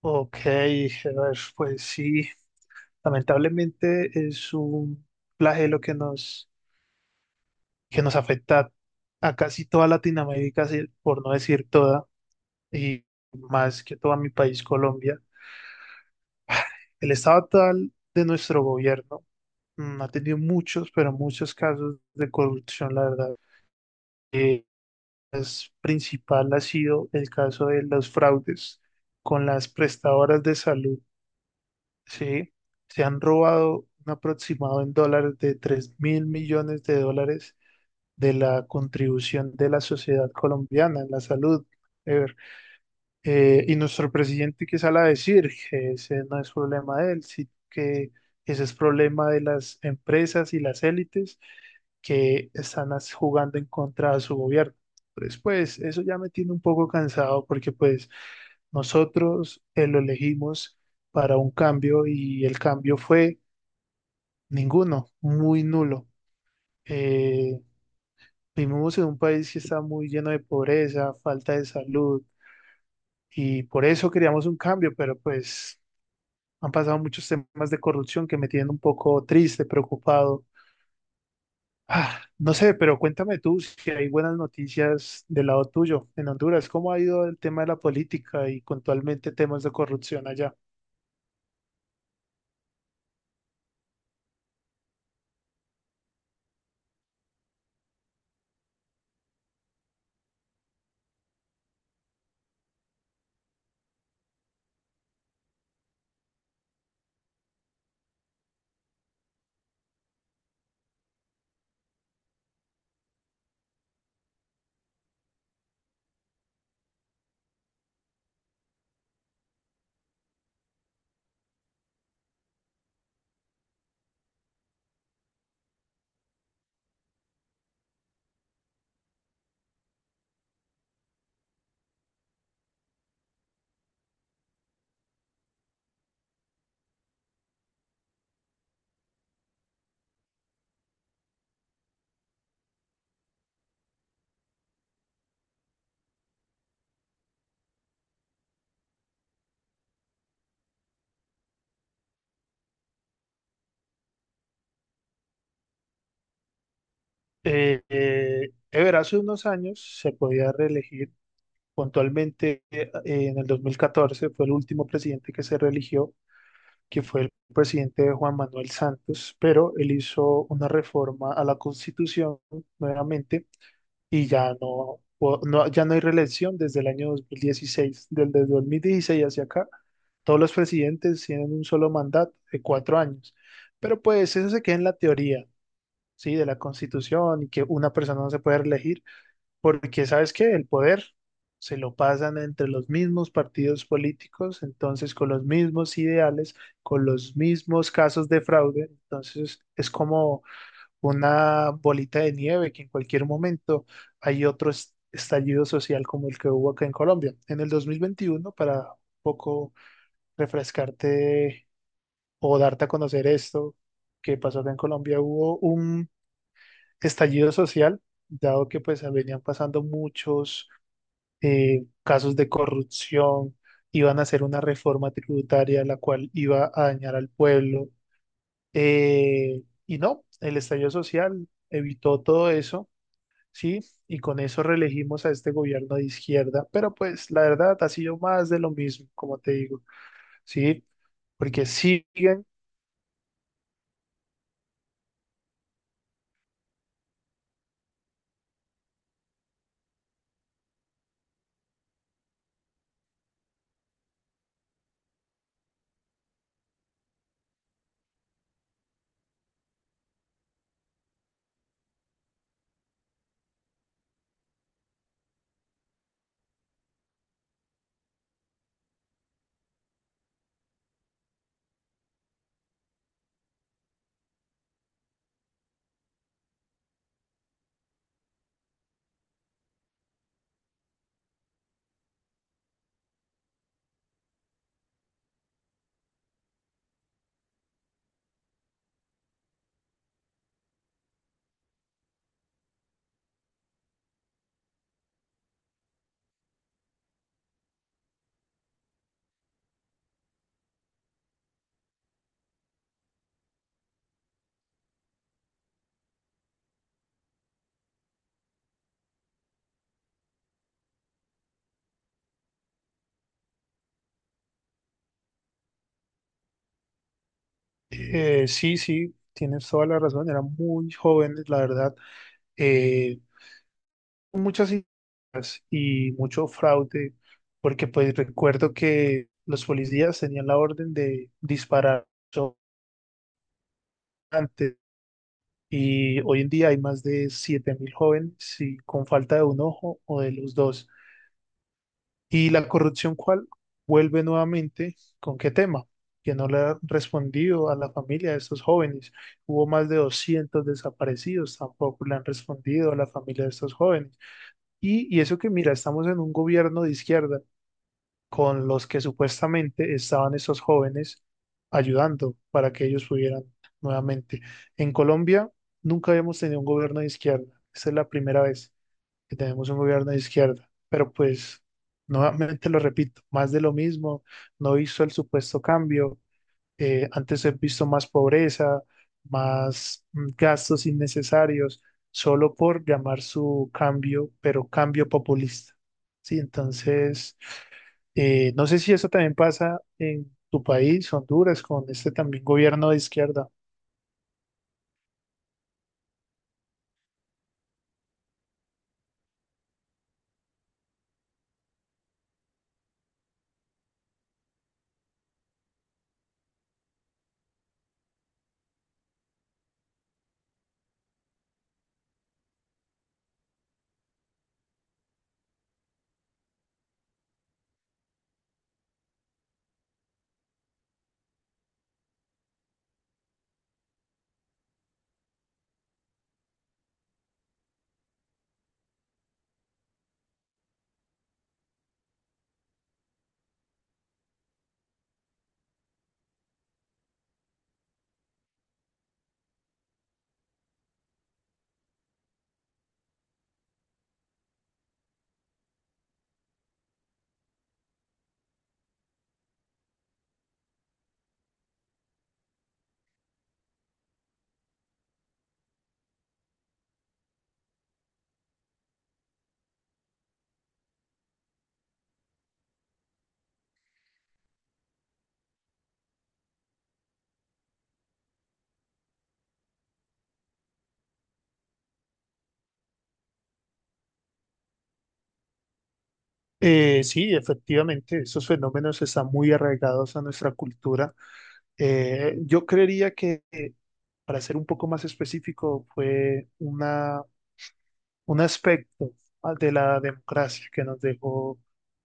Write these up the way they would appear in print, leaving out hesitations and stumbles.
Ok, Gerard, pues sí, lamentablemente es un flagelo que nos afecta a casi toda Latinoamérica, por no decir toda, y más que todo a mi país, Colombia. El estado actual de nuestro gobierno ha tenido muchos, pero muchos casos de corrupción, la verdad. Eh, es principal ha sido el caso de los fraudes con las prestadoras de salud. Sí, se han robado un aproximado en dólares de $3.000.000.000 de la contribución de la sociedad colombiana en la salud. Y nuestro presidente que sale a decir que ese no es problema de él, sino que ese es problema de las empresas y las élites que están jugando en contra de su gobierno. Entonces, pues eso ya me tiene un poco cansado porque pues nosotros lo elegimos para un cambio y el cambio fue ninguno, muy nulo. Eh, vivimos en un país que está muy lleno de pobreza, falta de salud y por eso queríamos un cambio, pero pues han pasado muchos temas de corrupción que me tienen un poco triste, preocupado. Ah, no sé, pero cuéntame tú si hay buenas noticias del lado tuyo en Honduras. ¿Cómo ha ido el tema de la política y puntualmente temas de corrupción allá? Ever, hace unos años se podía reelegir. Puntualmente en el 2014 fue el último presidente que se reeligió, que fue el presidente Juan Manuel Santos, pero él hizo una reforma a la Constitución nuevamente y ya no hay reelección desde el año 2016, desde el 2016 hacia acá. Todos los presidentes tienen un solo mandato de 4 años. Pero pues eso se queda en la teoría, ¿sí? De la Constitución, y que una persona no se puede reelegir, porque ¿sabes qué? El poder se lo pasan entre los mismos partidos políticos, entonces con los mismos ideales, con los mismos casos de fraude. Entonces es como una bolita de nieve que en cualquier momento hay otro estallido social como el que hubo acá en Colombia. En el 2021, para un poco refrescarte o darte a conocer esto que pasó acá en Colombia, hubo un estallido social, dado que pues venían pasando muchos casos de corrupción, iban a hacer una reforma tributaria la cual iba a dañar al pueblo. Y no, el estallido social evitó todo eso, ¿sí? Y con eso reelegimos a este gobierno de izquierda, pero pues la verdad ha sido más de lo mismo, como te digo, ¿sí? Porque siguen, sí, sí, tienes toda la razón, eran muy jóvenes, la verdad, eh, muchas y mucho fraude, porque pues recuerdo que los policías tenían la orden de disparar antes. Y hoy en día hay más de 7.000 jóvenes, sí, con falta de un ojo o de los dos. ¿Y la corrupción cuál? Vuelve nuevamente con qué tema, que no le ha respondido a la familia de estos jóvenes. Hubo más de 200 desaparecidos, tampoco le han respondido a la familia de estos jóvenes. Y eso que mira, estamos en un gobierno de izquierda con los que supuestamente estaban estos jóvenes ayudando para que ellos pudieran nuevamente. En Colombia nunca habíamos tenido un gobierno de izquierda, esa es la primera vez que tenemos un gobierno de izquierda. Pero pues, nuevamente lo repito, más de lo mismo, no hizo el supuesto cambio. Antes he visto más pobreza, más gastos innecesarios, solo por llamar su cambio, pero cambio populista. Sí, entonces, no sé si eso también pasa en tu país, Honduras, con este también gobierno de izquierda. Sí, efectivamente, esos fenómenos están muy arraigados a nuestra cultura. Yo creería que, para ser un poco más específico, fue un aspecto, ah, de la democracia que nos dejó,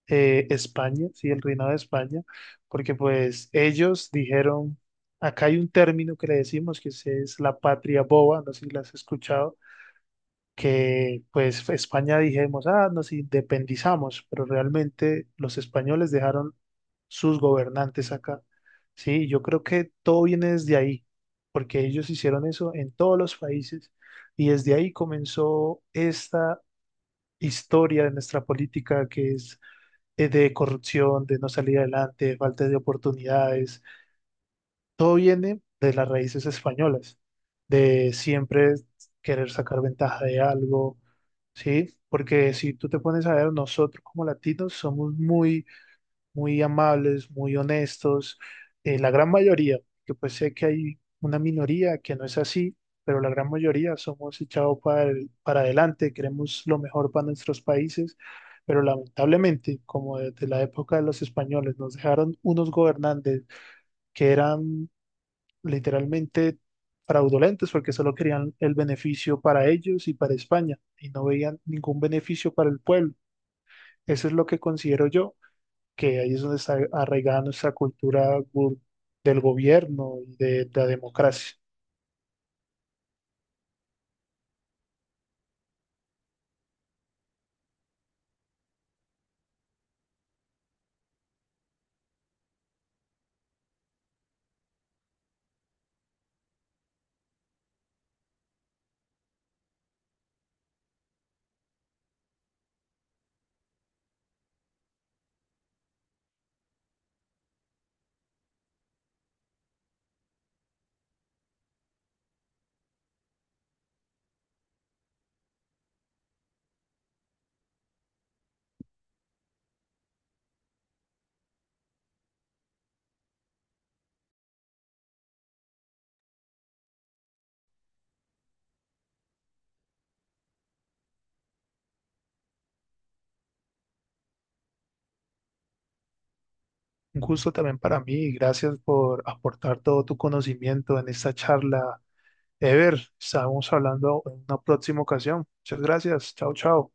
España, sí, el reinado de España, porque pues ellos dijeron, acá hay un término que le decimos que es la patria boba, no sé si la has escuchado, que pues España, dijimos, ah, nos independizamos, pero realmente los españoles dejaron sus gobernantes acá. Sí, yo creo que todo viene desde ahí, porque ellos hicieron eso en todos los países y desde ahí comenzó esta historia de nuestra política que es, de corrupción, de no salir adelante, de falta de oportunidades. Todo viene de las raíces españolas, de siempre querer sacar ventaja de algo, ¿sí? Porque si tú te pones a ver, nosotros como latinos somos muy muy amables, muy honestos, la gran mayoría, que pues sé que hay una minoría que no es así, pero la gran mayoría somos echados para, para adelante, queremos lo mejor para nuestros países, pero lamentablemente, como desde la época de los españoles, nos dejaron unos gobernantes que eran literalmente fraudulentos porque solo querían el beneficio para ellos y para España y no veían ningún beneficio para el pueblo. Eso es lo que considero yo, que ahí es donde está arraigada nuestra cultura del gobierno y de la democracia. Un gusto también para mí y gracias por aportar todo tu conocimiento en esta charla. Ever, estamos hablando en una próxima ocasión. Muchas gracias. Chao, chao.